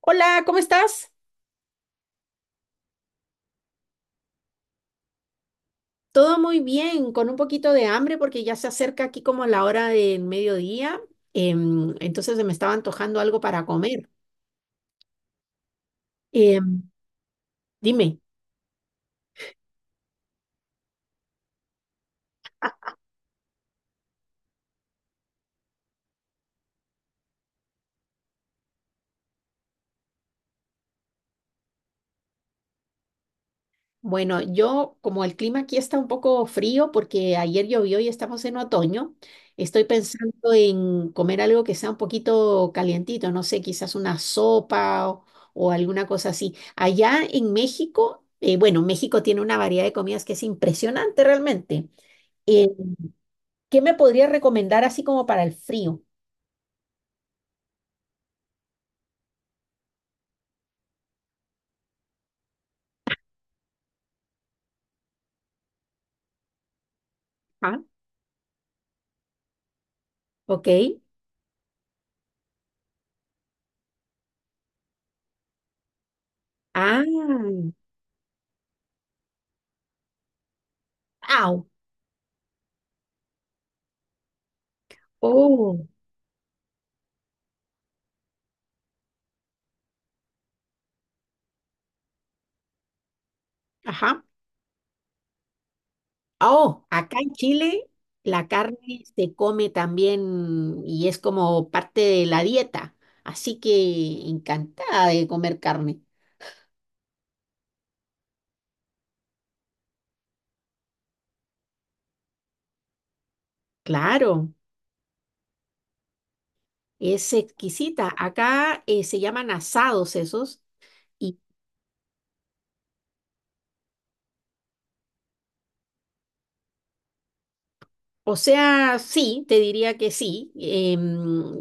Hola, ¿cómo estás? Todo muy bien, con un poquito de hambre porque ya se acerca aquí como la hora del mediodía, entonces se me estaba antojando algo para comer. Em, dime, bueno, yo como el clima aquí está un poco frío porque ayer llovió y estamos en otoño, estoy pensando en comer algo que sea un poquito calientito, no sé, quizás una sopa o alguna cosa así. Allá en México, bueno, México tiene una variedad de comidas que es impresionante realmente. Em, ¿Qué me podría recomendar así como para el frío? Ajá. ¿Ok? Ah, au, oh, ajá. Oh, acá en Chile la carne se come también y es como parte de la dieta. Así que encantada de comer carne. Claro, es exquisita. Acá se llaman asados esos. Y, o sea, sí, te diría que sí.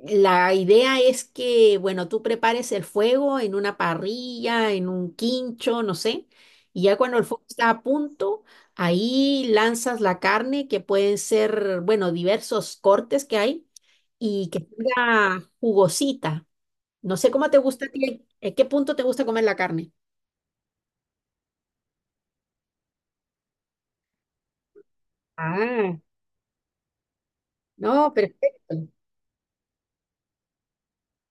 La idea es que, bueno, tú prepares el fuego en una parrilla, en un quincho, no sé, y ya cuando el fuego está a punto, ahí lanzas la carne, que pueden ser, bueno, diversos cortes que hay, y que tenga jugosita. No sé cómo te gusta a ti, ¿en qué punto te gusta comer la carne? Ah, no, perfecto.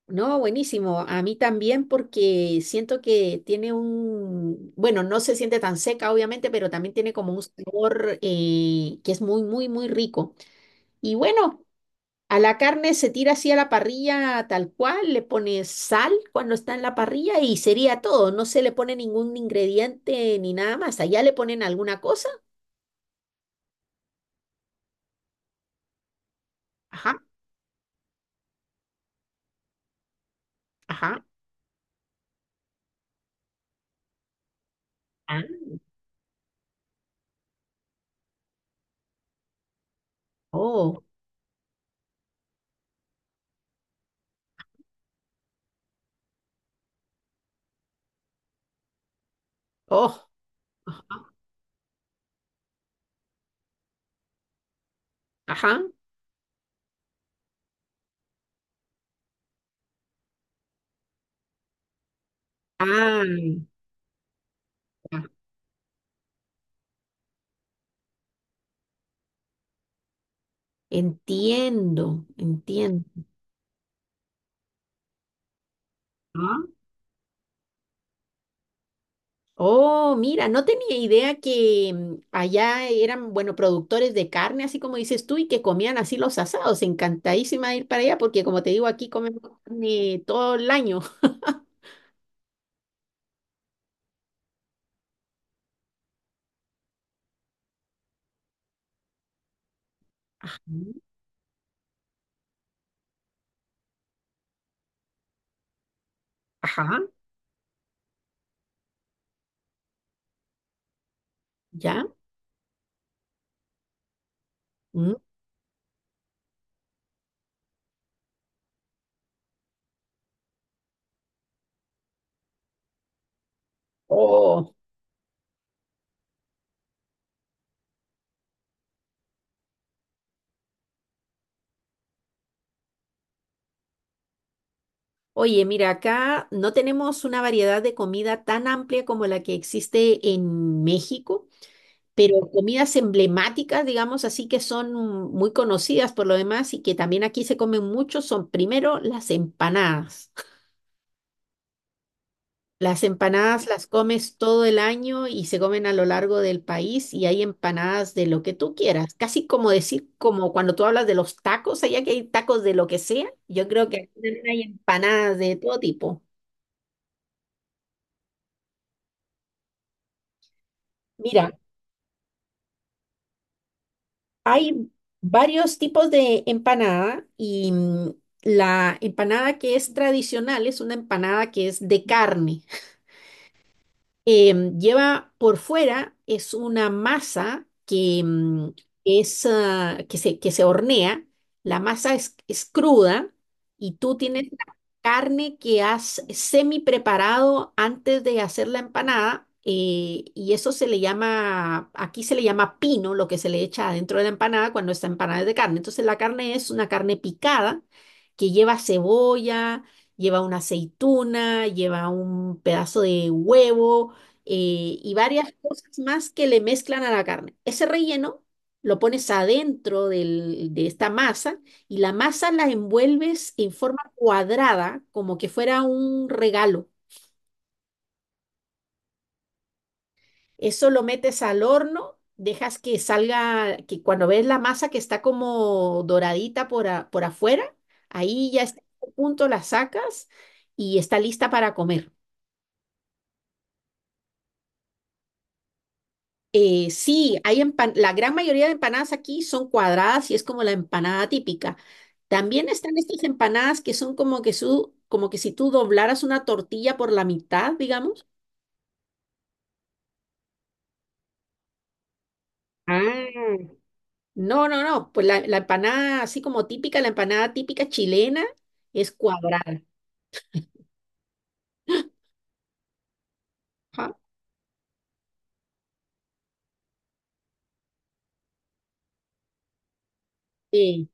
No, buenísimo. A mí también porque siento que tiene un, bueno, no se siente tan seca, obviamente, pero también tiene como un sabor que es muy, muy, muy rico. Y bueno, a la carne se tira así a la parrilla tal cual, le pones sal cuando está en la parrilla y sería todo. No se le pone ningún ingrediente ni nada más. Allá le ponen alguna cosa. Ajá, ajá. Ah, oh, oh, ajá, ajá. Ah, ya. Entiendo, entiendo. Ah. Oh, mira, no tenía idea que allá eran, bueno, productores de carne, así como dices tú, y que comían así los asados. Encantadísima de ir para allá porque, como te digo, aquí comemos carne todo el año. Ajá, ajá, ya. Mm, oh, oye, mira, acá no tenemos una variedad de comida tan amplia como la que existe en México. Pero comidas emblemáticas, digamos así, que son muy conocidas por lo demás y que también aquí se comen mucho, son primero las empanadas. Las empanadas las comes todo el año y se comen a lo largo del país y hay empanadas de lo que tú quieras. Casi como decir, como cuando tú hablas de los tacos, allá que hay tacos de lo que sea, yo creo que aquí también hay empanadas de todo tipo. Mira, hay varios tipos de empanada y la empanada que es tradicional es una empanada que es de carne, lleva por fuera, es una masa que es, que se hornea, la masa es cruda y tú tienes la carne que has semi preparado antes de hacer la empanada, y eso se le llama, aquí se le llama pino, lo que se le echa adentro de la empanada cuando esta empanada es de carne. Entonces la carne es una carne picada que lleva cebolla, lleva una aceituna, lleva un pedazo de huevo, y varias cosas más que le mezclan a la carne. Ese relleno lo pones adentro del- de esta masa y la masa la envuelves en forma cuadrada, como que fuera un regalo. Eso lo metes al horno, dejas que salga, que cuando ves la masa que está como doradita por, a- por afuera, ahí ya está a punto, la sacas y está lista para comer. Sí, hay empan- la gran mayoría de empanadas aquí son cuadradas y es como la empanada típica. También están estas empanadas que son como que, su, como que si tú doblaras una tortilla por la mitad, digamos. Ah, no, no, no, pues la empanada así como típica, la empanada típica chilena es cuadrada. Ajá. Sí.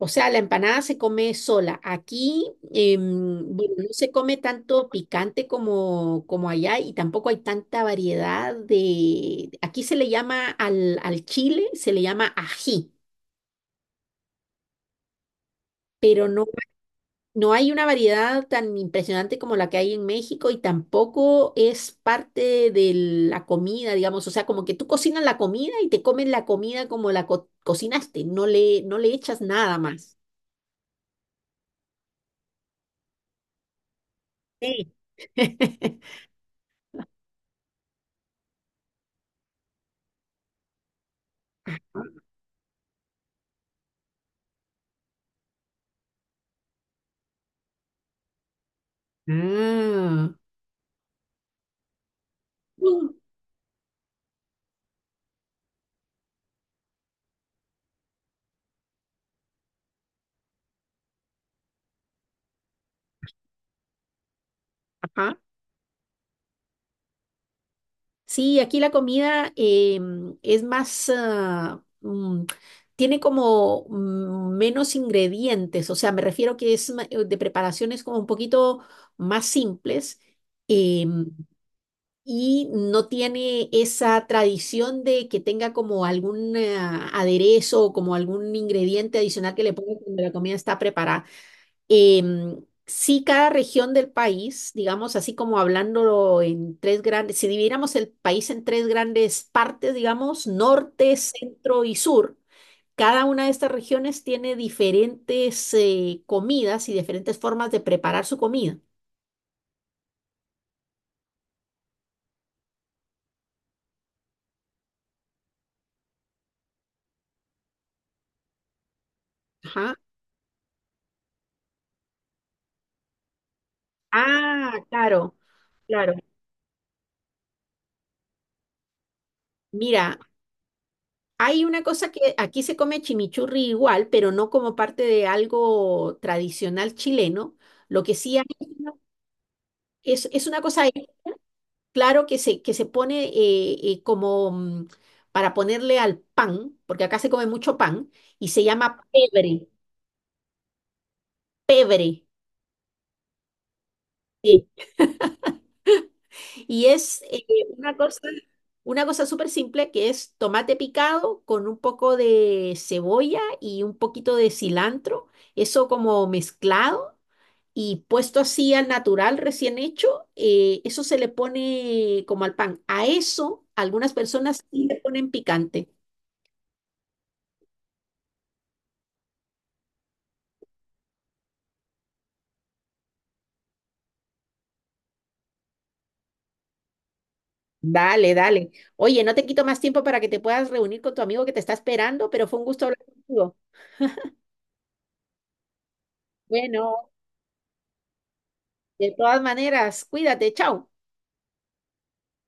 O sea, la empanada se come sola. Aquí, bueno, no se come tanto picante como, como allá y tampoco hay tanta variedad de. Aquí se le llama al chile, se le llama ají, pero no, no hay una variedad tan impresionante como la que hay en México y tampoco es parte de la comida, digamos. O sea, como que tú cocinas la comida y te comes la comida como la co- cocinaste, no le, no le echas nada más. Sí. Ah, mm, ajá. Sí, aquí la comida es más, tiene como menos ingredientes, o sea, me refiero que es ma- de preparaciones como un poquito más simples, em, y no tiene esa tradición de que tenga como algún aderezo o como algún ingrediente adicional que le ponga cuando la comida está preparada. Sí, cada región del país, digamos, así como hablándolo en tres grandes, si dividiéramos el país en tres grandes partes, digamos, norte, centro y sur, cada una de estas regiones tiene diferentes comidas y diferentes formas de preparar su comida. Ajá. Ah, claro, claro. Mira, hay una cosa que aquí se come chimichurri igual, pero no como parte de algo tradicional chileno. Lo que sí hay es una cosa claro que se pone como para ponerle al pan, porque acá se come mucho pan, y se llama pebre, pebre. Sí. Y es una cosa, una cosa súper simple que es tomate picado con un poco de cebolla y un poquito de cilantro, eso como mezclado. Y puesto así al natural, recién hecho, eso se le pone como al pan. A eso algunas personas sí le ponen picante. Dale, dale. Oye, no te quito más tiempo para que te puedas reunir con tu amigo que te está esperando, pero fue un gusto hablar contigo. Bueno, de todas maneras, cuídate, chao.